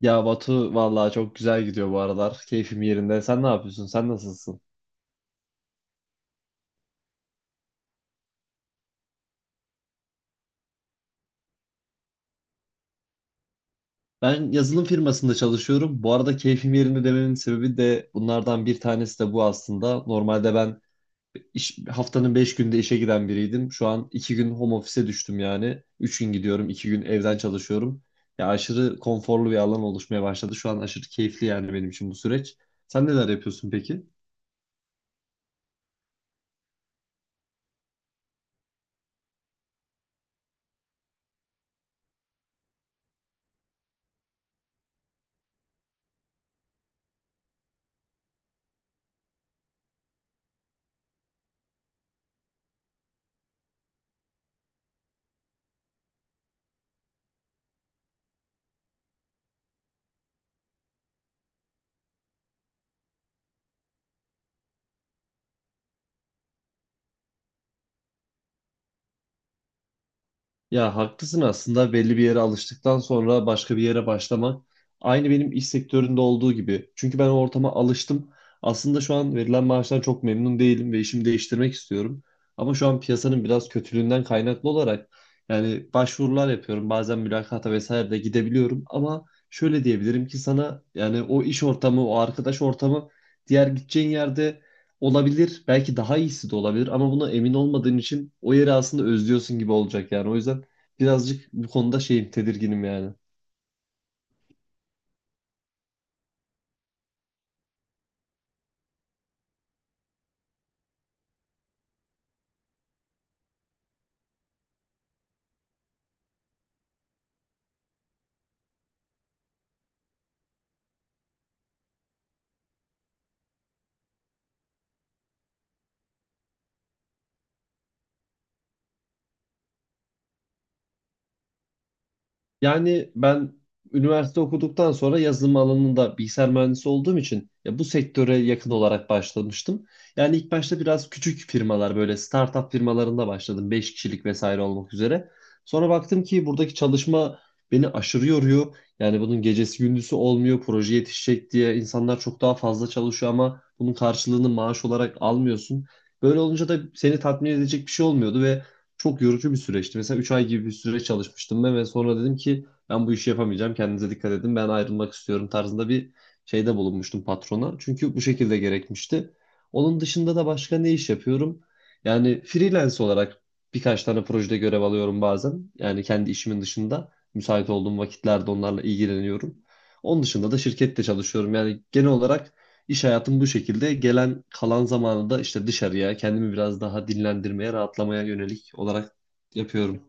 Ya Batu vallahi çok güzel gidiyor bu aralar. Keyfim yerinde. Sen ne yapıyorsun? Sen nasılsın? Ben yazılım firmasında çalışıyorum. Bu arada keyfim yerinde dememin sebebi de bunlardan bir tanesi de bu aslında. Normalde ben iş, haftanın 5 günde işe giden biriydim. Şu an 2 gün home office'e düştüm yani. 3 gün gidiyorum, 2 gün evden çalışıyorum. Ya aşırı konforlu bir alan oluşmaya başladı. Şu an aşırı keyifli yani benim için bu süreç. Sen neler yapıyorsun peki? Ya haklısın aslında belli bir yere alıştıktan sonra başka bir yere başlamak aynı benim iş sektöründe olduğu gibi. Çünkü ben o ortama alıştım. Aslında şu an verilen maaştan çok memnun değilim ve işimi değiştirmek istiyorum. Ama şu an piyasanın biraz kötülüğünden kaynaklı olarak yani başvurular yapıyorum. Bazen mülakata vesaire de gidebiliyorum ama şöyle diyebilirim ki sana yani o iş ortamı, o arkadaş ortamı diğer gideceğin yerde olabilir. Belki daha iyisi de olabilir ama buna emin olmadığın için o yeri aslında özlüyorsun gibi olacak yani. O yüzden birazcık bu konuda şeyim, tedirginim yani. Yani ben üniversite okuduktan sonra yazılım alanında bilgisayar mühendisi olduğum için ya bu sektöre yakın olarak başlamıştım. Yani ilk başta biraz küçük firmalar böyle startup firmalarında başladım. Beş kişilik vesaire olmak üzere. Sonra baktım ki buradaki çalışma beni aşırı yoruyor. Yani bunun gecesi gündüzü olmuyor. Proje yetişecek diye insanlar çok daha fazla çalışıyor ama bunun karşılığını maaş olarak almıyorsun. Böyle olunca da seni tatmin edecek bir şey olmuyordu ve çok yorucu bir süreçti. Mesela 3 ay gibi bir süre çalışmıştım ben ve sonra dedim ki ben bu işi yapamayacağım. Kendinize dikkat edin. Ben ayrılmak istiyorum tarzında bir şeyde bulunmuştum patrona. Çünkü bu şekilde gerekmişti. Onun dışında da başka ne iş yapıyorum? Yani freelance olarak birkaç tane projede görev alıyorum bazen. Yani kendi işimin dışında müsait olduğum vakitlerde onlarla ilgileniyorum. Onun dışında da şirkette çalışıyorum. Yani genel olarak İş hayatım bu şekilde. Gelen kalan zamanı da işte dışarıya, kendimi biraz daha dinlendirmeye, rahatlamaya yönelik olarak yapıyorum.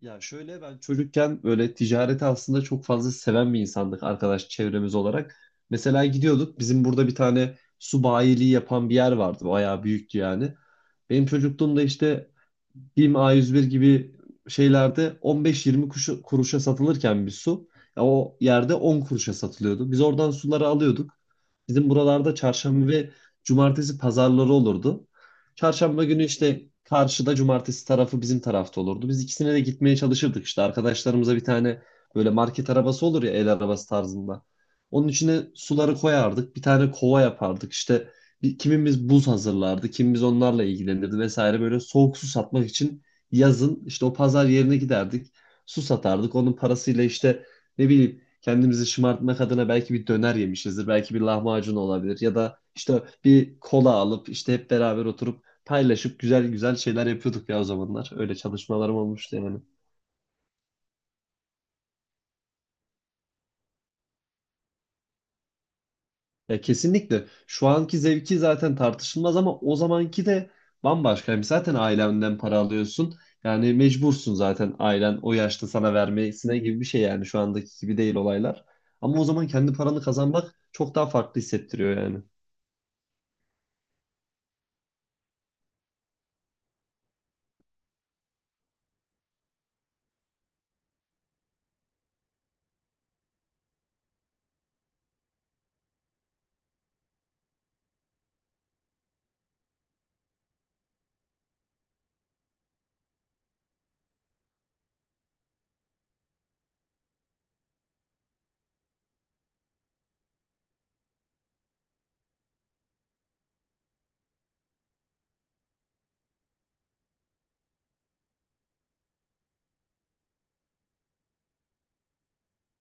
Ya şöyle ben çocukken böyle ticareti aslında çok fazla seven bir insandık arkadaş çevremiz olarak. Mesela gidiyorduk bizim burada bir tane su bayiliği yapan bir yer vardı. Bayağı büyüktü yani. Benim çocukluğumda işte BİM A101 gibi şeylerde 15-20 kuruşa satılırken bir su ya o yerde 10 kuruşa satılıyordu. Biz oradan suları alıyorduk. Bizim buralarda çarşamba ve cumartesi pazarları olurdu. Çarşamba günü işte karşıda cumartesi tarafı bizim tarafta olurdu. Biz ikisine de gitmeye çalışırdık işte. Arkadaşlarımıza bir tane böyle market arabası olur ya el arabası tarzında. Onun içine suları koyardık. Bir tane kova yapardık. İşte kimimiz buz hazırlardı. Kimimiz onlarla ilgilenirdi vesaire. Böyle soğuk su satmak için yazın işte o pazar yerine giderdik. Su satardık. Onun parasıyla işte ne bileyim kendimizi şımartmak adına belki bir döner yemişizdir. Belki bir lahmacun olabilir ya da işte bir kola alıp işte hep beraber oturup paylaşıp güzel güzel şeyler yapıyorduk ya o zamanlar. Öyle çalışmalarım olmuştu yani. Ya kesinlikle şu anki zevki zaten tartışılmaz ama o zamanki de bambaşka. Yani zaten ailenden para alıyorsun. Yani mecbursun zaten ailen o yaşta sana vermesine gibi bir şey yani şu andaki gibi değil olaylar. Ama o zaman kendi paranı kazanmak çok daha farklı hissettiriyor yani.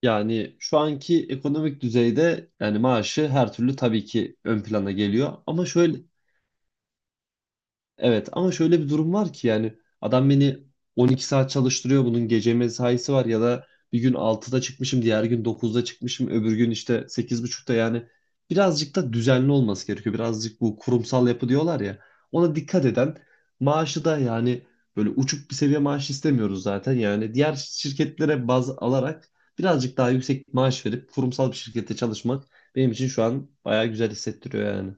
Yani şu anki ekonomik düzeyde yani maaşı her türlü tabii ki ön plana geliyor. Ama şöyle evet ama şöyle bir durum var ki yani adam beni 12 saat çalıştırıyor bunun gece mesaisi var ya da bir gün 6'da çıkmışım diğer gün 9'da çıkmışım öbür gün işte 8.30'da yani birazcık da düzenli olması gerekiyor. Birazcık bu kurumsal yapı diyorlar ya ona dikkat eden maaşı da yani böyle uçuk bir seviye maaş istemiyoruz zaten yani diğer şirketlere baz alarak birazcık daha yüksek maaş verip kurumsal bir şirkette çalışmak benim için şu an bayağı güzel hissettiriyor yani.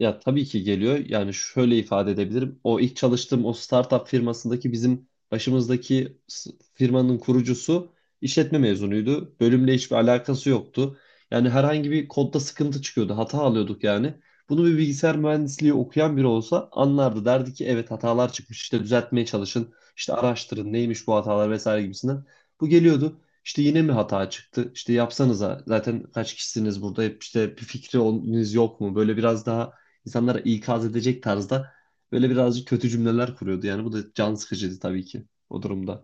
Ya tabii ki geliyor. Yani şöyle ifade edebilirim. O ilk çalıştığım o startup firmasındaki bizim başımızdaki firmanın kurucusu işletme mezunuydu. Bölümle hiçbir alakası yoktu. Yani herhangi bir kodda sıkıntı çıkıyordu. Hata alıyorduk yani. Bunu bir bilgisayar mühendisliği okuyan biri olsa anlardı. Derdi ki evet hatalar çıkmış. İşte düzeltmeye çalışın. İşte araştırın neymiş bu hatalar vesaire gibisinden. Bu geliyordu. İşte yine mi hata çıktı? İşte yapsanıza. Zaten kaç kişisiniz burada? Hep işte bir fikriniz yok mu? Böyle biraz daha insanlara ikaz edecek tarzda böyle birazcık kötü cümleler kuruyordu. Yani bu da can sıkıcıydı tabii ki o durumda.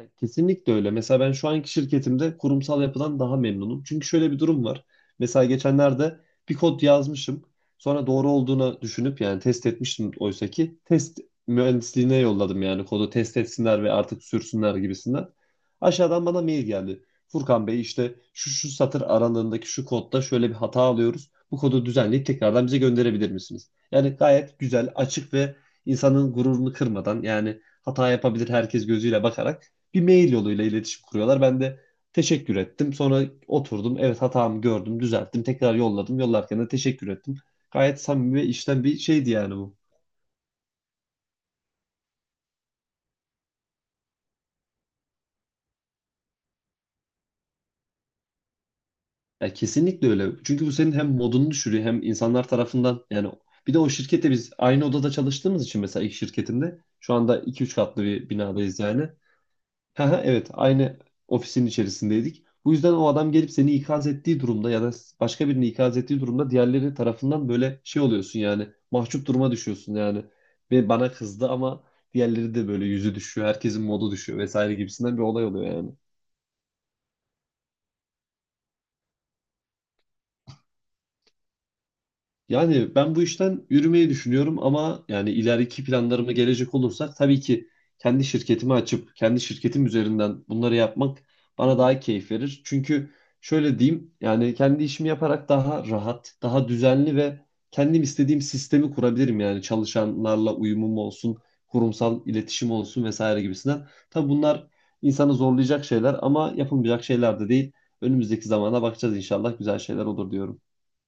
Kesinlikle öyle. Mesela ben şu anki şirketimde kurumsal yapıdan daha memnunum. Çünkü şöyle bir durum var. Mesela geçenlerde bir kod yazmışım. Sonra doğru olduğunu düşünüp yani test etmiştim oysa ki test mühendisliğine yolladım yani kodu test etsinler ve artık sürsünler gibisinden. Aşağıdan bana mail geldi. Furkan Bey işte şu şu satır aralığındaki şu kodda şöyle bir hata alıyoruz. Bu kodu düzenleyip tekrardan bize gönderebilir misiniz? Yani gayet güzel, açık ve insanın gururunu kırmadan yani hata yapabilir herkes gözüyle bakarak bir mail yoluyla iletişim kuruyorlar. Ben de teşekkür ettim. Sonra oturdum. Evet hatamı gördüm, düzelttim. Tekrar yolladım. Yollarken de teşekkür ettim. Gayet samimi ve içten bir şeydi yani bu. Ya kesinlikle öyle. Çünkü bu senin hem modunu düşürüyor hem insanlar tarafından yani bir de o şirkette biz aynı odada çalıştığımız için mesela ilk şirketinde şu anda 2-3 katlı bir binadayız yani. Evet, aynı ofisin içerisindeydik. Bu yüzden o adam gelip seni ikaz ettiği durumda ya da başka birini ikaz ettiği durumda diğerleri tarafından böyle şey oluyorsun yani mahcup duruma düşüyorsun yani. Ve bana kızdı ama diğerleri de böyle yüzü düşüyor, herkesin modu düşüyor vesaire gibisinden bir olay oluyor yani. Yani ben bu işten yürümeyi düşünüyorum ama yani ileriki planlarıma gelecek olursak tabii ki kendi şirketimi açıp kendi şirketim üzerinden bunları yapmak bana daha keyif verir. Çünkü şöyle diyeyim yani kendi işimi yaparak daha rahat, daha düzenli ve kendim istediğim sistemi kurabilirim. Yani çalışanlarla uyumum olsun, kurumsal iletişim olsun vesaire gibisinden. Tabii bunlar insanı zorlayacak şeyler ama yapılmayacak şeyler de değil. Önümüzdeki zamana bakacağız inşallah güzel şeyler olur diyorum.